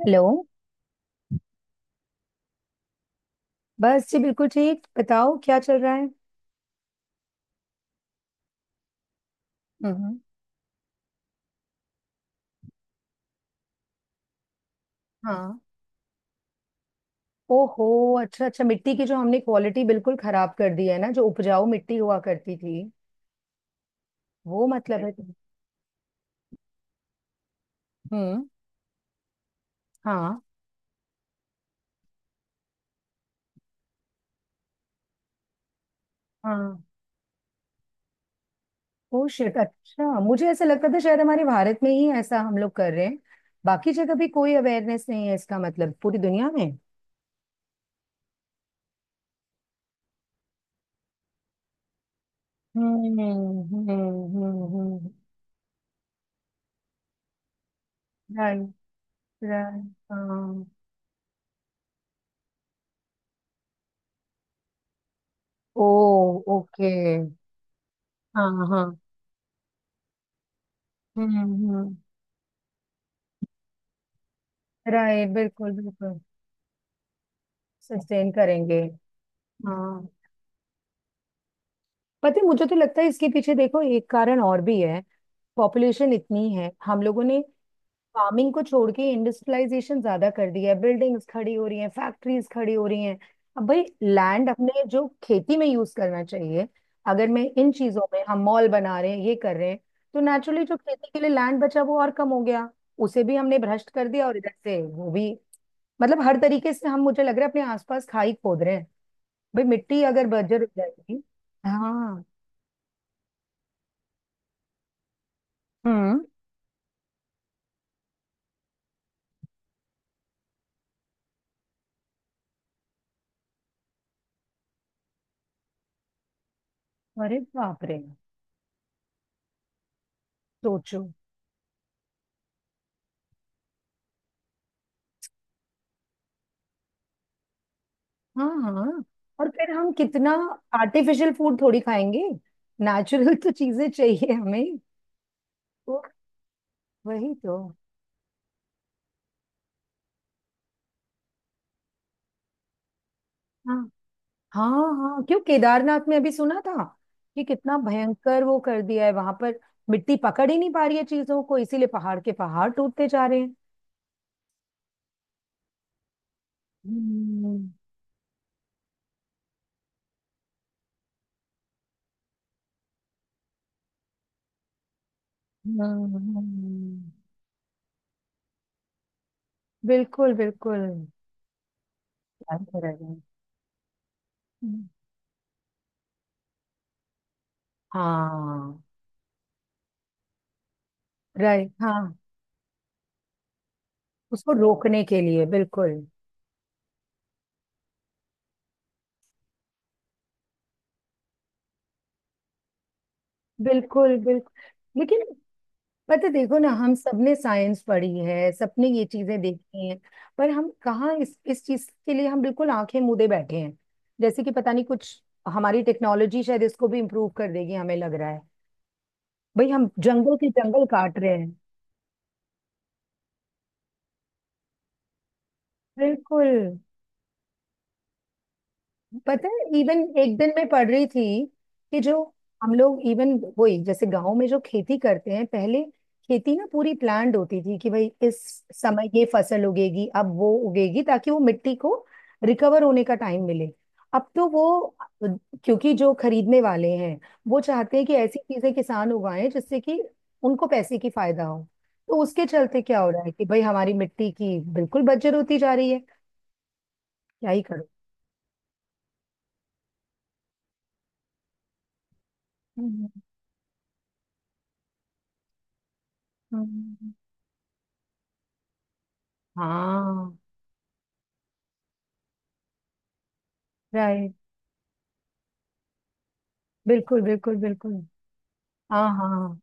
Hello. बस जी, बिल्कुल ठीक। बताओ, क्या चल रहा है? हम्म। हाँ। ओहो। अच्छा अच्छा, मिट्टी की जो हमने क्वालिटी बिल्कुल खराब कर दी है ना, जो उपजाऊ मिट्टी हुआ करती थी वो। मतलब है। हम्म। हाँ हाँ। Oh shit. अच्छा, मुझे ऐसा लगता था शायद हमारे भारत में ही ऐसा हम लोग कर रहे हैं। बाकी जगह भी कोई अवेयरनेस नहीं है, इसका मतलब पूरी दुनिया में। हम्म। हम्म। राइट। राइट। हाँ। ओ। ओके। हाँ हाँ। हम्म। राइट, बिल्कुल बिल्कुल। सस्टेन करेंगे। हाँ। पता है, मुझे तो लगता है इसके पीछे देखो एक कारण और भी है। पॉपुलेशन इतनी है, हम लोगों ने फार्मिंग को छोड़ के इंडस्ट्रियलाइजेशन ज्यादा कर दिया है, बिल्डिंग्स खड़ी हो रही हैं, फैक्ट्रीज खड़ी हो रही हैं। अब भाई लैंड अपने जो खेती में यूज करना चाहिए, अगर मैं इन चीजों में, हम मॉल बना रहे हैं, ये कर रहे हैं, तो नेचुरली जो खेती के लिए लैंड बचा वो और कम हो गया। उसे भी हमने भ्रष्ट कर दिया और इधर से वो भी। मतलब हर तरीके से हम, मुझे लग रहा है, अपने आसपास खाई खोद रहे हैं। भाई मिट्टी अगर बंजर हो जाएगी। हाँ। हम्म। अरे बाप रे। सोचो। हाँ हाँ। और फिर हम कितना आर्टिफिशियल फूड थोड़ी खाएंगे। नेचुरल तो चीजें चाहिए हमें। तो वही तो। हाँ हाँ हाँ। क्यों, केदारनाथ में अभी सुना था कि कितना भयंकर वो कर दिया है वहां पर। मिट्टी पकड़ ही नहीं पा रही है चीजों को, इसीलिए पहाड़ के पहाड़ टूटते जा रहे हैं। हम्म। हम्म, हम्म, बिल्कुल बिल्कुल। याद करेगा। हम्म। हाँ। राइट, हाँ। उसको रोकने के लिए बिल्कुल बिल्कुल बिल्कुल। लेकिन पता है, देखो ना, हम सबने साइंस पढ़ी है, सबने ये चीजें देखी हैं। पर हम कहाँ, इस चीज के लिए हम बिल्कुल आंखें मूंदे बैठे हैं। जैसे कि पता नहीं कुछ, हमारी टेक्नोलॉजी शायद इसको भी इम्प्रूव कर देगी हमें लग रहा है। भाई हम जंगल के जंगल काट रहे हैं। बिल्कुल। पता है इवन एक दिन मैं पढ़ रही थी कि जो हम लोग इवन वही, जैसे गांव में जो खेती करते हैं पहले, खेती ना पूरी प्लान्ड होती थी कि भाई इस समय ये फसल उगेगी अब वो उगेगी ताकि वो मिट्टी को रिकवर होने का टाइम मिले। अब तो वो, क्योंकि जो खरीदने वाले हैं वो चाहते हैं कि ऐसी चीजें किसान उगाएं जिससे कि उनको पैसे की फायदा हो। तो उसके चलते क्या हो रहा है कि भाई हमारी मिट्टी की बिल्कुल बंजर होती जा रही है। क्या ही करो। हम्म, हम्म, हाँ। राइट, बिल्कुल बिल्कुल बिल्कुल। हाँ हाँ।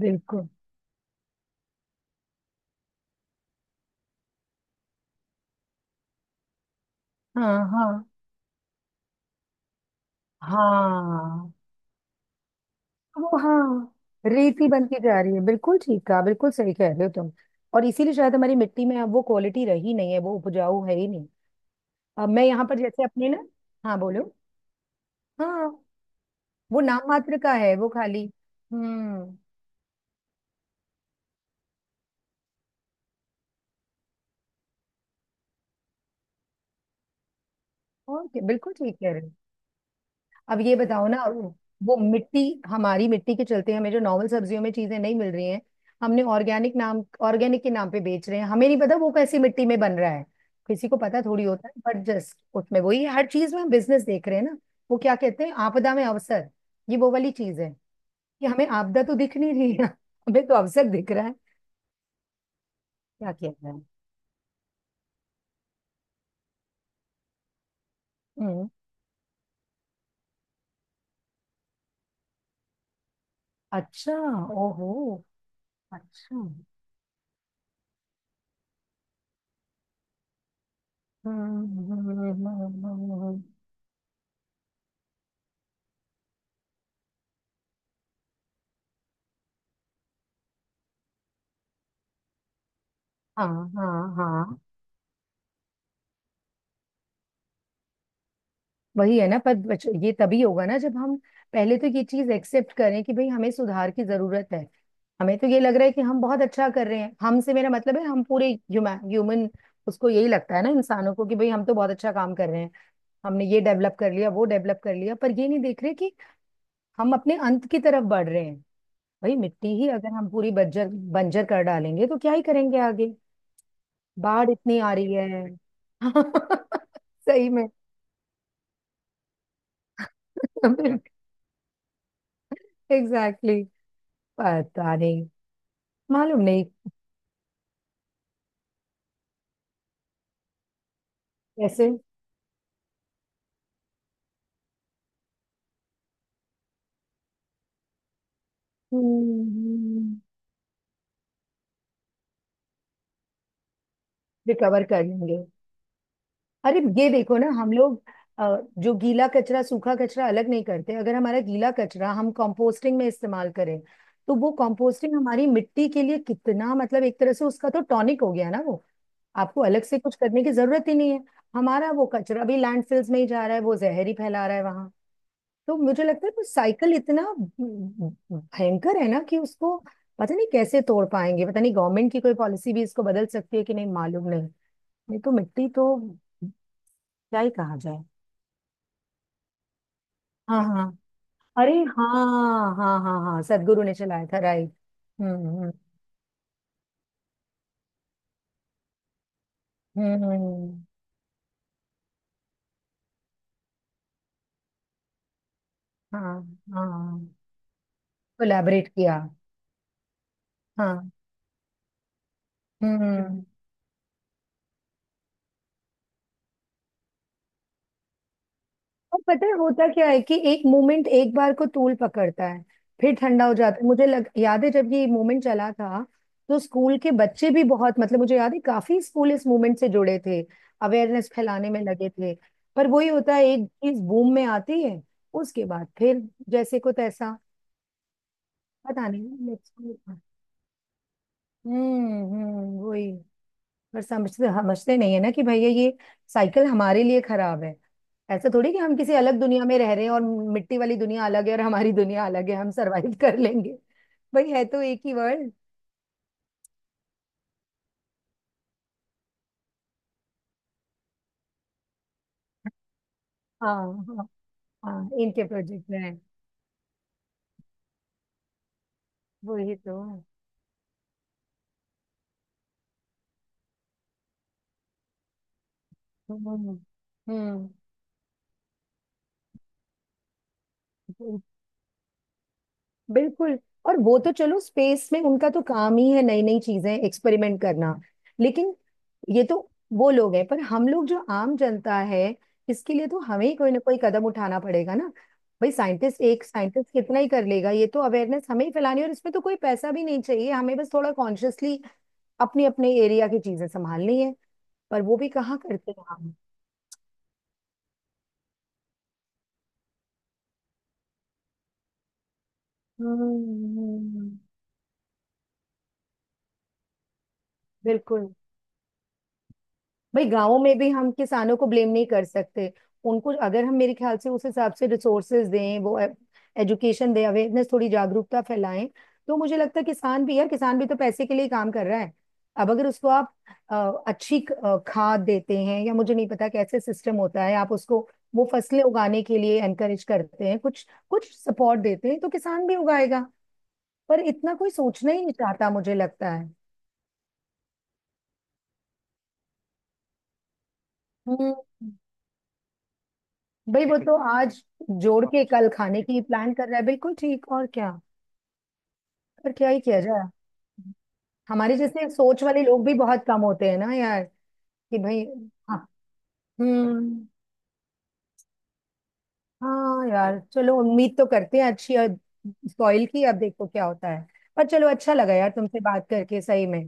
बिल्कुल। हाँ हाँ। हाँ, वो हाँ। रेती बनती जा रही है, बिल्कुल ठीक कहा, बिल्कुल सही कह रहे हो तुम। और इसीलिए शायद हमारी मिट्टी में अब वो क्वालिटी रही नहीं है, वो उपजाऊ है ही नहीं। अब मैं यहाँ पर जैसे अपने ना। हाँ बोलो। हाँ। वो नाम मात्र का है, वो खाली। हम्म। ओके, बिल्कुल ठीक है। अब ये बताओ ना वो मिट्टी, हमारी मिट्टी के चलते हमें जो नॉर्मल सब्जियों में चीजें नहीं मिल रही हैं। हमने ऑर्गेनिक नाम, ऑर्गेनिक के नाम पे बेच रहे हैं, हमें नहीं पता वो कैसी मिट्टी में बन रहा है। किसी को पता थोड़ी होता है, बट जस्ट उसमें वही, हर चीज में हम बिजनेस देख रहे हैं ना। वो क्या कहते हैं, आपदा में अवसर। ये वो वाली चीज है कि हमें आपदा तो दिख नहीं रही है, हमें तो अवसर दिख रहा है। क्या किया जाए। हम्म। अच्छा। ओहो। अच्छा। हम्म, हम्म, हम्म, हम्म, हम्म। हम्म, हम्म, हम्म, हम्म, हम्म, हम्म, हाँ हाँ हाँ। वही है ना, पर ये तभी होगा ना जब हम पहले तो ये चीज एक्सेप्ट करें कि भाई हमें सुधार की जरूरत है। हमें तो ये लग रहा है कि हम बहुत अच्छा कर रहे हैं, हमसे मेरा मतलब है हम पूरे ह्यूमन, उसको यही लगता है ना इंसानों को कि भाई हम तो बहुत अच्छा काम कर रहे हैं, हमने ये डेवलप कर लिया वो डेवलप कर लिया, पर ये नहीं देख रहे कि हम अपने अंत की तरफ बढ़ रहे हैं। भाई मिट्टी ही अगर हम पूरी बंजर बंजर कर डालेंगे तो क्या ही करेंगे आगे। बाढ़ इतनी आ रही है। सही में। एग्जैक्टली। पता नहीं। मालूम नहीं कैसे। हम्म। रिकवर कर लेंगे। अरे ये देखो ना हम लोग, जो गीला कचरा सूखा कचरा अलग नहीं करते, अगर हमारा गीला कचरा हम कंपोस्टिंग में इस्तेमाल करें, तो वो कंपोस्टिंग हमारी मिट्टी के लिए कितना, मतलब एक तरह से उसका तो टॉनिक हो गया ना वो। आपको अलग से कुछ करने की जरूरत ही नहीं है। हमारा वो कचरा भी लैंडफिल्स में ही जा रहा है, वो जहर ही फैला रहा है वहां। तो मुझे लगता है वो साइकिल इतना भयंकर है ना कि उसको पता नहीं कैसे तोड़ पाएंगे, पता नहीं गवर्नमेंट की कोई पॉलिसी भी इसको बदल सकती है कि नहीं, मालूम नहीं। नहीं तो मिट्टी तो क्या ही कहा जाए। हाँ हाँ। अरे। हाँ हाँ हाँ हाँ, सदगुरु ने चलाया था राइट। हम्म। हम्म, हम्म, हाँ हाँ। कोलैबोरेट किया। हाँ। हम्म हम्म। और पता है होता क्या है कि एक मोमेंट एक बार को तूल पकड़ता है, फिर ठंडा हो जाता है। मुझे लग, याद है जब ये मोमेंट चला था तो स्कूल के बच्चे भी बहुत, मतलब मुझे याद है काफी स्कूल इस मूवमेंट से जुड़े थे, अवेयरनेस फैलाने में लगे थे। पर वही होता है, एक चीज बूम में आती है, उसके बाद फिर जैसे को तैसा। पता नहीं नेक्स्ट। हम्म, वही। पर समझते समझते नहीं है ना कि भैया ये साइकिल हमारे लिए खराब है। ऐसा थोड़ी कि हम किसी अलग दुनिया में रह रहे हैं और मिट्टी वाली दुनिया अलग है और हमारी दुनिया अलग है, हम सरवाइव कर लेंगे। भाई है तो एक ही वर्ल्ड। हाँ हाँ हाँ, इनके प्रोजेक्ट में है। वही तो। हम्म हम्म। बिल्कुल। और वो तो चलो स्पेस में उनका तो काम ही है नई नई चीजें एक्सपेरिमेंट करना, लेकिन ये तो, वो लोग हैं पर हम लोग जो आम जनता है, इसके लिए तो हमें ही कोई ना कोई कदम उठाना पड़ेगा ना। भाई साइंटिस्ट, एक साइंटिस्ट कितना ही कर लेगा, ये तो अवेयरनेस हमें ही फैलानी है, और इसमें तो कोई पैसा भी नहीं चाहिए हमें, बस थोड़ा कॉन्शियसली अपने अपने एरिया की चीजें संभालनी है। पर वो भी कहाँ करते हैं हम। हम्म हम्म, बिल्कुल। भाई गांवों में भी हम किसानों को ब्लेम नहीं कर सकते। उनको अगर हम, मेरे ख्याल से उस हिसाब से रिसोर्सेज दें, वो एजुकेशन दें, अवेयरनेस, थोड़ी जागरूकता फैलाएं, तो मुझे लगता है किसान भी, यार किसान भी तो पैसे के लिए ही काम कर रहा है। अब अगर उसको आप अच्छी खाद देते हैं या मुझे नहीं पता कैसे सिस्टम होता है, आप उसको वो फसलें उगाने के लिए एनकरेज करते हैं, कुछ कुछ सपोर्ट देते हैं, तो किसान भी उगाएगा। पर इतना कोई सोचना ही नहीं चाहता मुझे लगता है। हम्म। भाई वो तो आज जोड़ के कल खाने की प्लान कर रहा है, बिल्कुल ठीक, और क्या। पर क्या ही किया जाए। हमारे जैसे सोच वाले लोग भी बहुत कम होते हैं ना यार। कि भाई हाँ। हम्म। हाँ यार चलो, उम्मीद तो करते हैं अच्छी सॉइल की, अब देखो क्या होता है। पर चलो, अच्छा लगा यार तुमसे बात करके, सही में।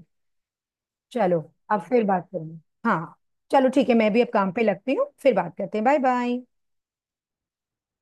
चलो अब फिर बात करेंगे। हाँ। चलो ठीक है, मैं भी अब काम पे लगती हूँ, फिर बात करते हैं, बाय बाय।